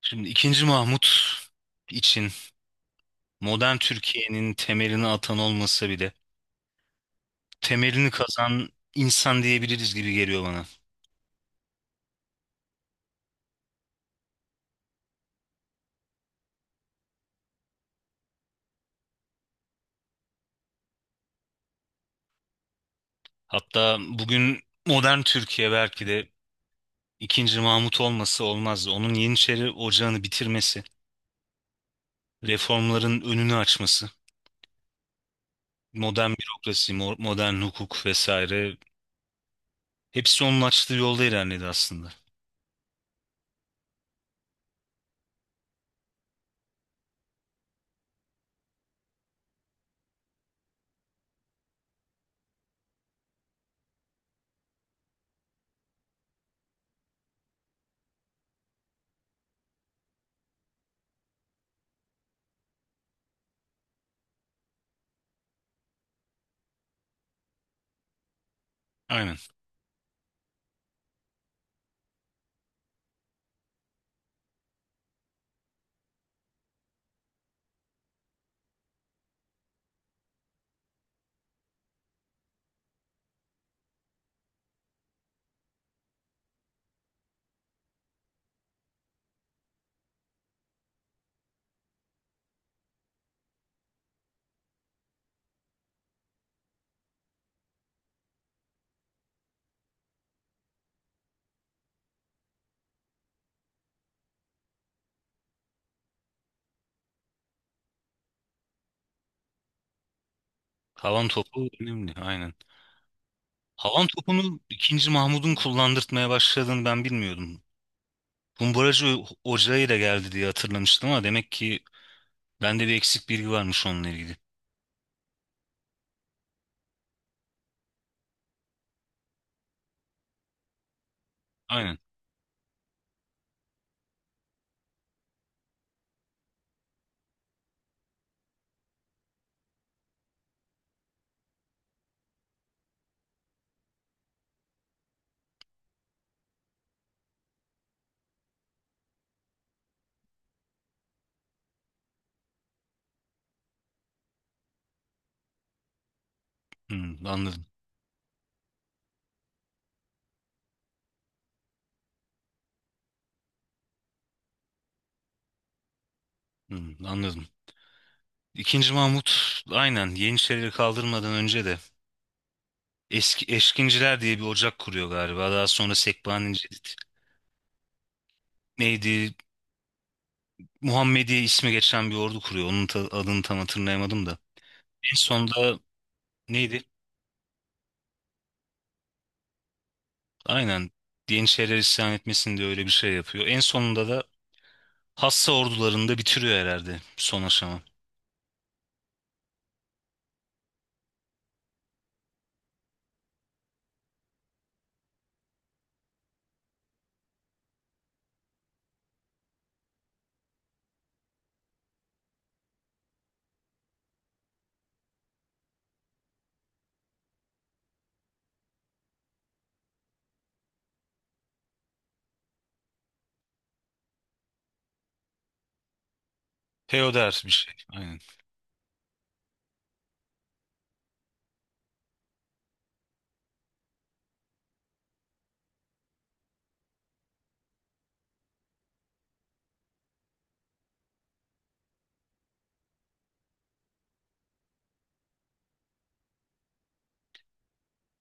Şimdi ikinci Mahmut için modern Türkiye'nin temelini atan olmasa bile temelini kazan insan diyebiliriz gibi geliyor bana. Hatta bugün modern Türkiye belki de ikinci Mahmut olması olmazdı. Onun Yeniçeri Ocağı'nı bitirmesi, reformların önünü açması, modern bürokrasi, modern hukuk vesaire hepsi onun açtığı yolda ilerledi aslında. Aynen. Havan topu önemli, aynen. Havan topunu ikinci Mahmud'un kullandırtmaya başladığını ben bilmiyordum. Kumbaracı Ocağı ile geldi diye hatırlamıştım ama demek ki bende bir eksik bilgi varmış onunla ilgili. Aynen. Hmm, anladım. Hmm, anladım. İkinci Mahmut aynen Yeniçerileri kaldırmadan önce de eski Eşkinciler diye bir ocak kuruyor galiba. Daha sonra Sekbani Cedid neydi? Muhammediye ismi geçen bir ordu kuruyor. Onun adını tam hatırlayamadım da. En sonunda neydi? Aynen, Yeniçeriler isyan etmesin diye öyle bir şey yapıyor. En sonunda da Hassa ordularını da bitiriyor herhalde son aşama. Feodal bir şey. Aynen.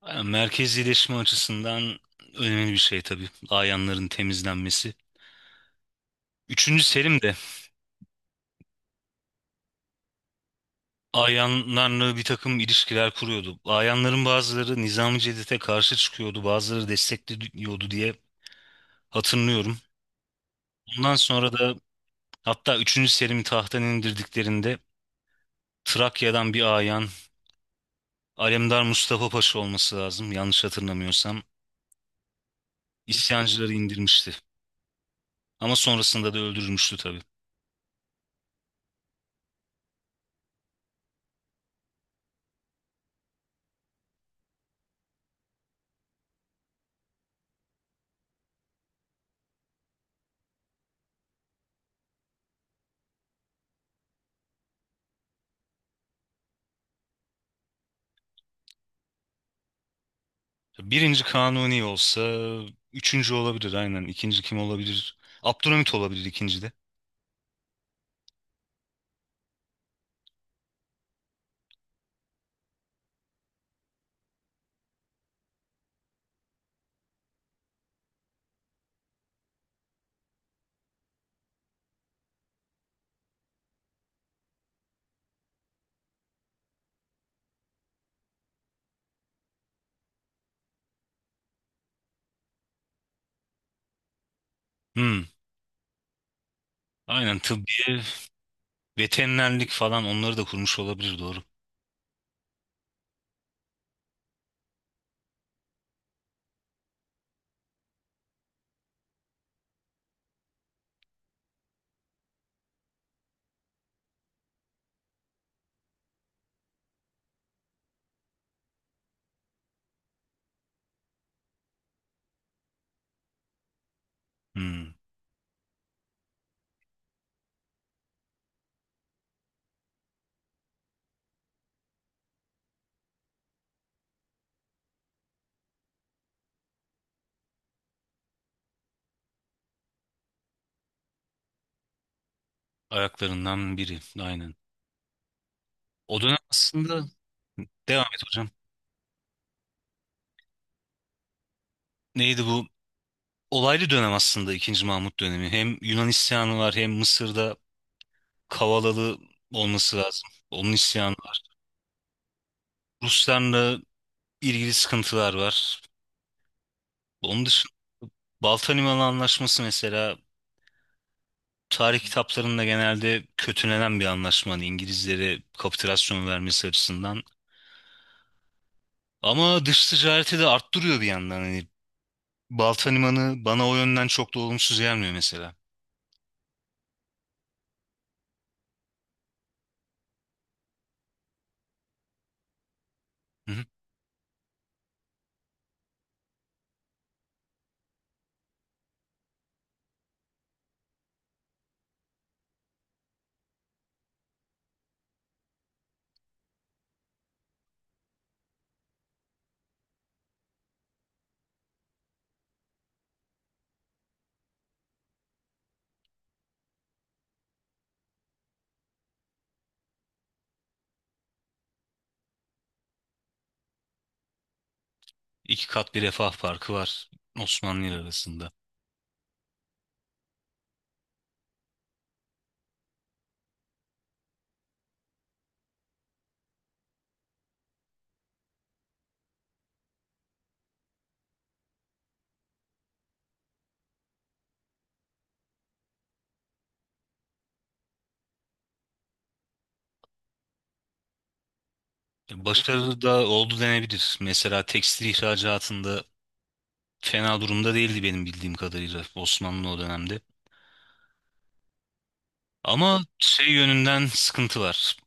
Aynen. Merkezileşme açısından önemli bir şey tabii. Ayanların temizlenmesi. Üçüncü Selim de ayanlarla bir takım ilişkiler kuruyordu. Ayanların bazıları Nizami Cedid'e karşı çıkıyordu, bazıları destekliyordu diye hatırlıyorum. Ondan sonra da hatta üçüncü Selim'i tahttan indirdiklerinde Trakya'dan bir ayan, Alemdar Mustafa Paşa olması lazım yanlış hatırlamıyorsam, isyancıları indirmişti. Ama sonrasında da öldürülmüştü tabii. Birinci Kanuni olsa üçüncü olabilir aynen. İkinci kim olabilir? Abdülhamit olabilir ikinci de. Hmm. Aynen tıbbiye, veterinerlik falan onları da kurmuş olabilir, doğru. Hmm. Ayaklarından biri aynen. O dönem aslında devam et hocam. Neydi bu? Olaylı dönem aslında ikinci Mahmut dönemi. Hem Yunan isyanı var hem Mısır'da Kavalalı olması lazım. Onun isyanı var. Ruslarla ilgili sıkıntılar var. Onun dışında Balta Limanı Anlaşması mesela tarih kitaplarında genelde kötülenen bir anlaşma. Hani İngilizlere kapitülasyon vermesi açısından. Ama dış ticareti de arttırıyor bir yandan. Hani Balta Limanı bana o yönden çok da olumsuz gelmiyor mesela. Hı hı. İki kat bir refah farkı var Osmanlı ile arasında. Hı. Başarılı da oldu denebilir. Mesela tekstil ihracatında fena durumda değildi benim bildiğim kadarıyla Osmanlı o dönemde. Ama şey yönünden sıkıntı var.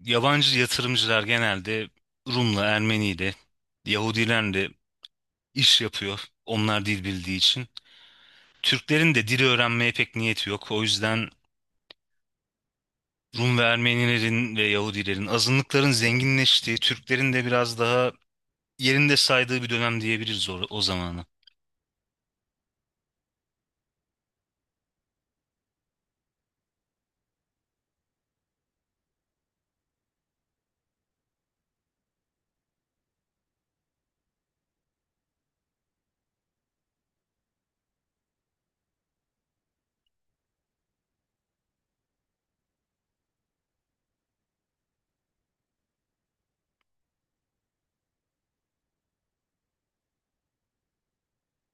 Yabancı yatırımcılar genelde Rum'la, Ermeni'yle, Yahudilerle iş yapıyor. Onlar dil bildiği için. Türklerin de dili öğrenmeye pek niyeti yok. O yüzden Rum ve Ermenilerin ve Yahudilerin, azınlıkların zenginleştiği, Türklerin de biraz daha yerinde saydığı bir dönem diyebiliriz o zamanı.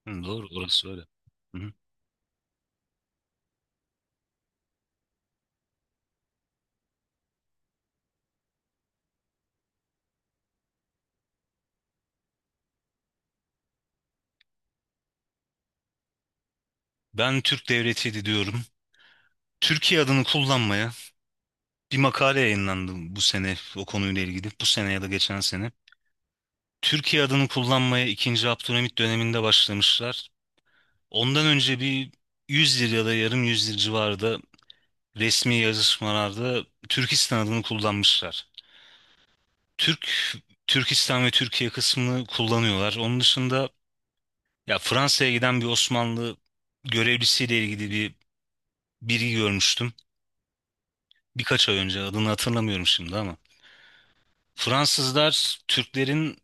Hı, doğru, orası öyle. Hı hı. Ben Türk Devleti'ydi diyorum. Türkiye adını kullanmaya bir makale yayınlandı bu sene o konuyla ilgili. Bu sene ya da geçen sene. Türkiye adını kullanmaya ikinci Abdülhamit döneminde başlamışlar. Ondan önce bir 100 yıl ya da yarım yüzyıl civarında resmi yazışmalarda Türkistan adını kullanmışlar. Türk, Türkistan ve Türkiye kısmını kullanıyorlar. Onun dışında ya Fransa'ya giden bir Osmanlı görevlisiyle ilgili bir bilgi görmüştüm. Birkaç ay önce, adını hatırlamıyorum şimdi ama. Fransızlar Türklerin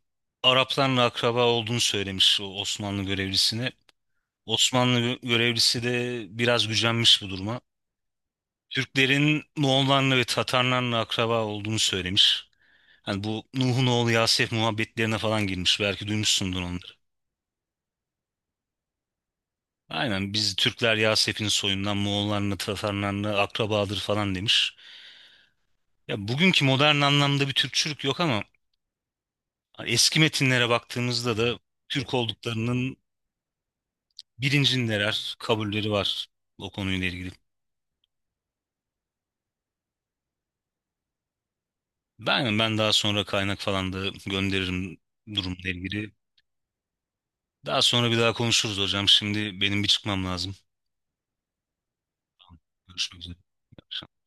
Araplarla akraba olduğunu söylemiş o Osmanlı görevlisine. Osmanlı görevlisi de biraz gücenmiş bu duruma. Türklerin Moğollarla ve Tatarlarla akraba olduğunu söylemiş. Hani bu Nuh'un oğlu Yasef muhabbetlerine falan girmiş. Belki duymuşsundur onları. Aynen, biz Türkler Yasef'in soyundan Moğollarla Tatarlarla akrabadır falan demiş. Ya bugünkü modern anlamda bir Türkçülük yok ama eski metinlere baktığımızda da Türk olduklarının bilincindeler, kabulleri var o konuyla ilgili. Ben daha sonra kaynak falan da gönderirim durumla ilgili. Daha sonra bir daha konuşuruz hocam. Şimdi benim bir çıkmam lazım. Görüşmek üzere. İyi akşamlar.